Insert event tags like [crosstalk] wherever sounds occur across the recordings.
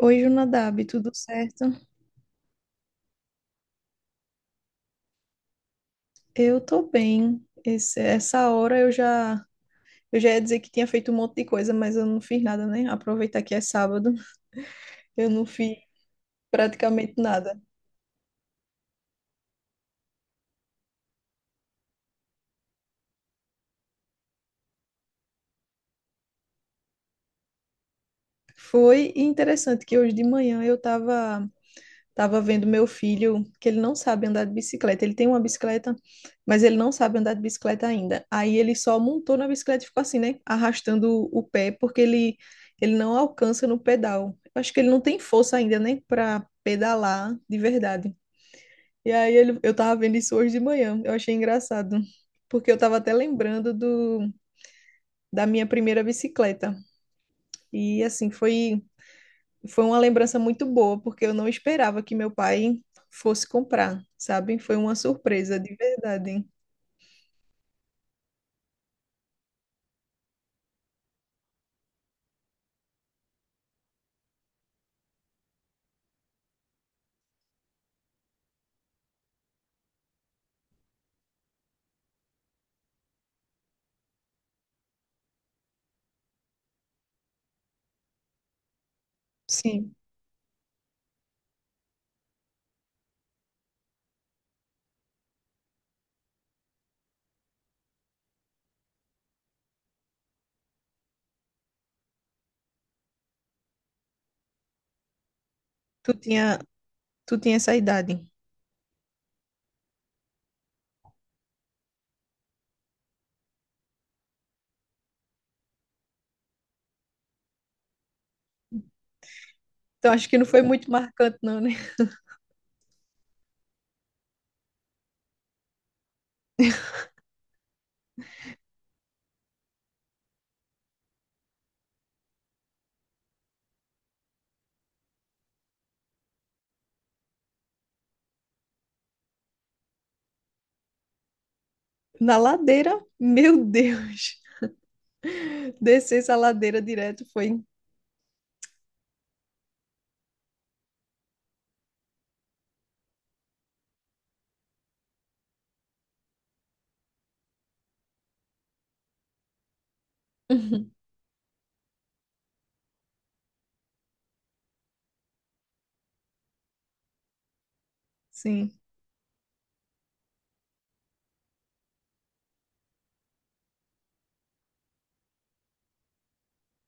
Oi, Junadab, tudo certo? Eu tô bem. Essa hora eu já ia dizer que tinha feito um monte de coisa, mas eu não fiz nada, né? Aproveitar que é sábado, eu não fiz praticamente nada. Foi interessante que hoje de manhã eu tava tava vendo meu filho, que ele não sabe andar de bicicleta. Ele tem uma bicicleta, mas ele não sabe andar de bicicleta ainda. Aí ele só montou na bicicleta e ficou assim, né? Arrastando o pé, porque ele não alcança no pedal. Eu acho que ele não tem força ainda, né? Pra pedalar de verdade. E eu tava vendo isso hoje de manhã. Eu achei engraçado. Porque eu tava até lembrando da minha primeira bicicleta. E assim, foi uma lembrança muito boa, porque eu não esperava que meu pai fosse comprar, sabe? Foi uma surpresa, de verdade. Sim, tu tinha, tu tinha essa idade. Então acho que não foi muito marcante, não, né? Na ladeira, meu Deus. [laughs] Descer essa ladeira direto foi. [laughs] Uhum. Sim,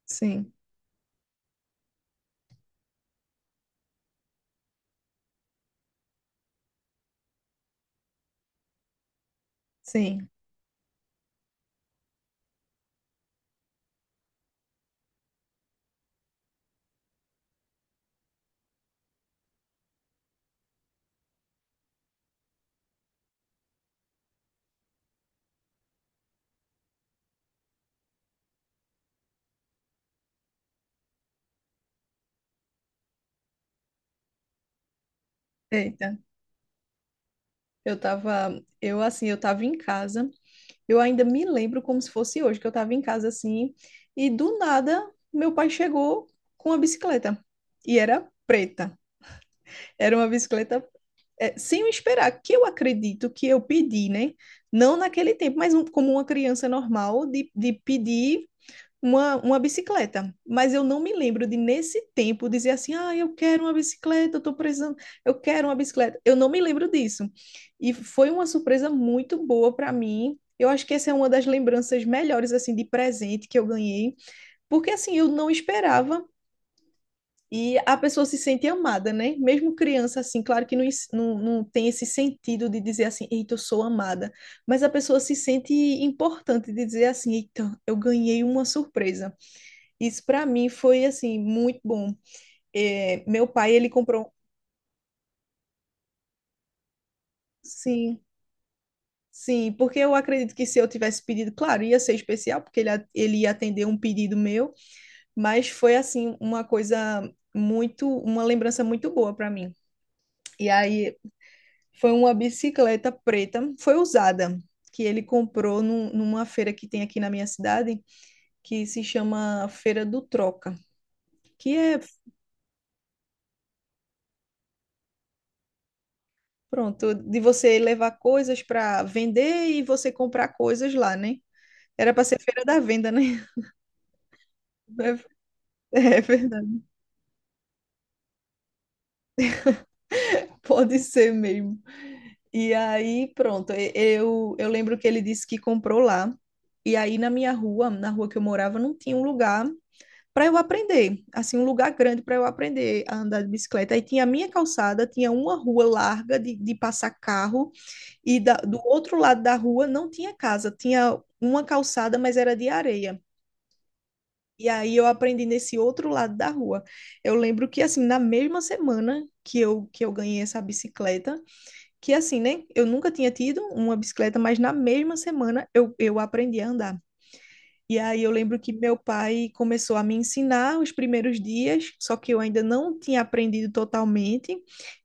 sim, sim. Eita, eu assim, eu tava em casa. Eu ainda me lembro como se fosse hoje, que eu estava em casa assim, e do nada meu pai chegou com uma bicicleta. E era preta. Era uma bicicleta é, sem eu esperar, que eu acredito que eu pedi, né? Não naquele tempo, mas como uma criança normal, de pedir uma bicicleta, mas eu não me lembro de nesse tempo dizer assim, ah, eu quero uma bicicleta, eu estou precisando, eu quero uma bicicleta. Eu não me lembro disso. E foi uma surpresa muito boa para mim. Eu acho que essa é uma das lembranças melhores assim de presente que eu ganhei, porque assim eu não esperava e a pessoa se sente amada, né? Mesmo criança assim, claro que não, não, tem esse sentido de dizer assim, eita, eu sou amada, mas a pessoa se sente importante de dizer assim, eita, eu ganhei uma surpresa. Isso para mim foi assim muito bom. É, meu pai ele comprou, sim, sim, porque eu acredito que se eu tivesse pedido, claro, ia ser especial porque ele ia atender um pedido meu, mas foi assim uma coisa muito, uma lembrança muito boa para mim. E aí foi uma bicicleta preta, foi usada. Que ele comprou numa feira que tem aqui na minha cidade, que se chama Feira do Troca, que é pronto, de você levar coisas para vender e você comprar coisas lá, né? Era para ser feira da venda, né? [laughs] É verdade, pode ser mesmo. E aí, pronto, eu lembro que ele disse que comprou lá. E aí, na minha rua, na rua que eu morava, não tinha um lugar para eu aprender, assim, um lugar grande para eu aprender a andar de bicicleta. Aí tinha a minha calçada, tinha uma rua larga de passar carro. E do outro lado da rua não tinha casa, tinha uma calçada, mas era de areia. E aí eu aprendi nesse outro lado da rua. Eu lembro que assim, na mesma semana que eu ganhei essa bicicleta, que assim, né? Eu nunca tinha tido uma bicicleta, mas na mesma semana eu aprendi a andar. E aí eu lembro que meu pai começou a me ensinar os primeiros dias, só que eu ainda não tinha aprendido totalmente.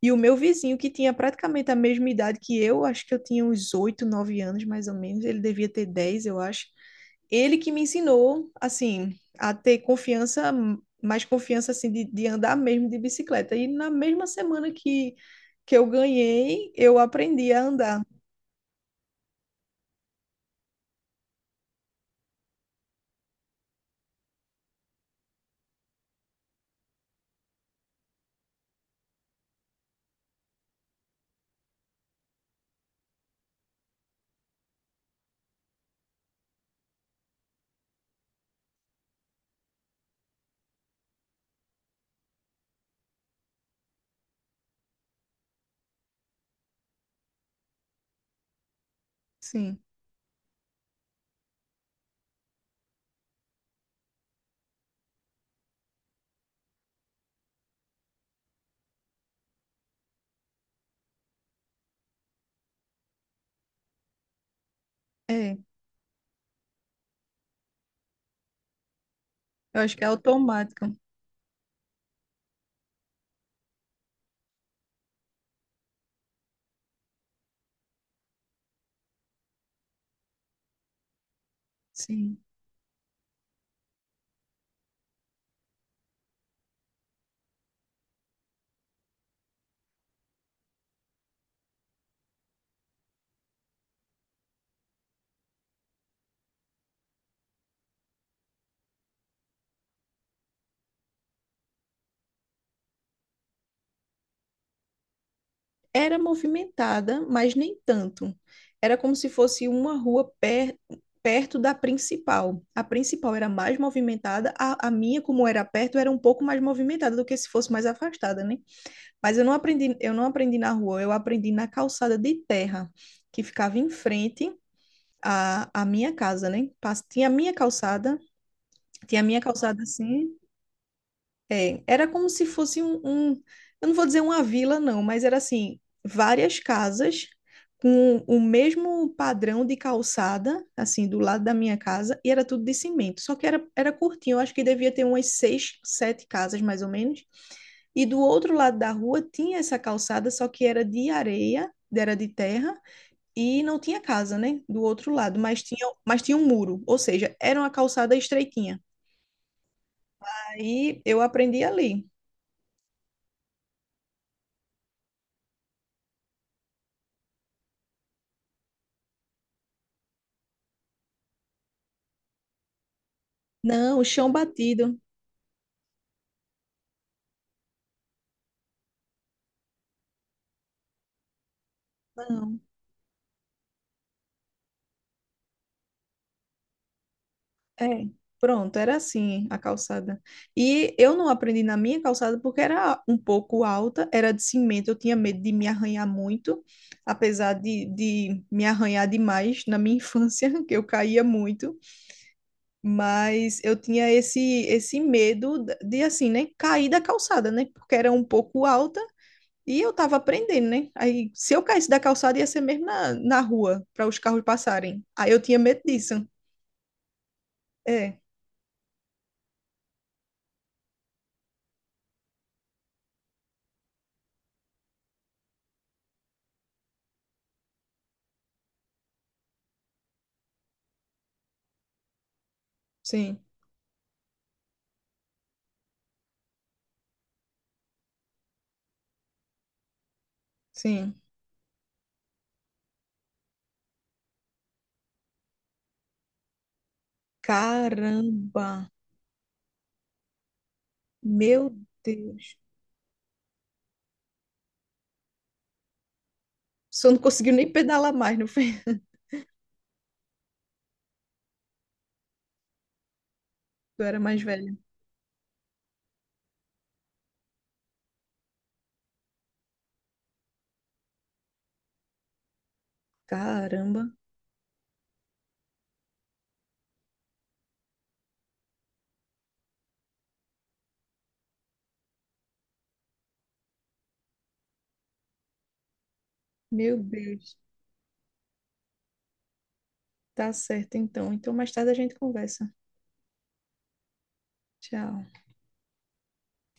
E o meu vizinho, que tinha praticamente a mesma idade que eu, acho que eu tinha uns 8 9 anos mais ou menos, ele devia ter 10 eu acho. Ele que me ensinou, assim, a ter confiança, mais confiança, assim, de andar mesmo de bicicleta. E na mesma semana que eu ganhei, eu aprendi a andar. Sim, é. Eu acho que é automático. Sim. Era movimentada, mas nem tanto. Era como se fosse uma perto da principal. A principal era mais movimentada, a minha, como era perto, era um pouco mais movimentada do que se fosse mais afastada, né? Mas eu não aprendi na rua, eu aprendi na calçada de terra, que ficava em frente à minha casa, né? Pas- Tinha a minha calçada, tinha a minha calçada assim, é, era como se fosse eu não vou dizer uma vila, não, mas era assim, várias casas com o mesmo padrão de calçada, assim, do lado da minha casa, e era tudo de cimento. Só que era curtinho, eu acho que devia ter umas seis, sete casas, mais ou menos. E do outro lado da rua tinha essa calçada, só que era de areia, era de terra, e não tinha casa, né? Do outro lado, mas tinha um muro, ou seja, era uma calçada estreitinha. Aí eu aprendi ali. Não, chão batido. Não, é. Pronto, era assim a calçada. E eu não aprendi na minha calçada porque era um pouco alta, era de cimento, eu tinha medo de me arranhar muito, apesar de me arranhar demais na minha infância, [laughs] que eu caía muito, mas eu tinha esse medo assim, né, cair da calçada, né, porque era um pouco alta e eu tava aprendendo, né. Aí, se eu caísse da calçada, ia ser mesmo na rua, para os carros passarem. Aí eu tinha medo disso. É, sim. Sim. Caramba! Meu Deus! Só não conseguiu nem pedalar mais, não foi? [laughs] Eu era mais velha. Caramba! Meu Deus! Tá certo, então. Então, mais tarde a gente conversa. Tchau.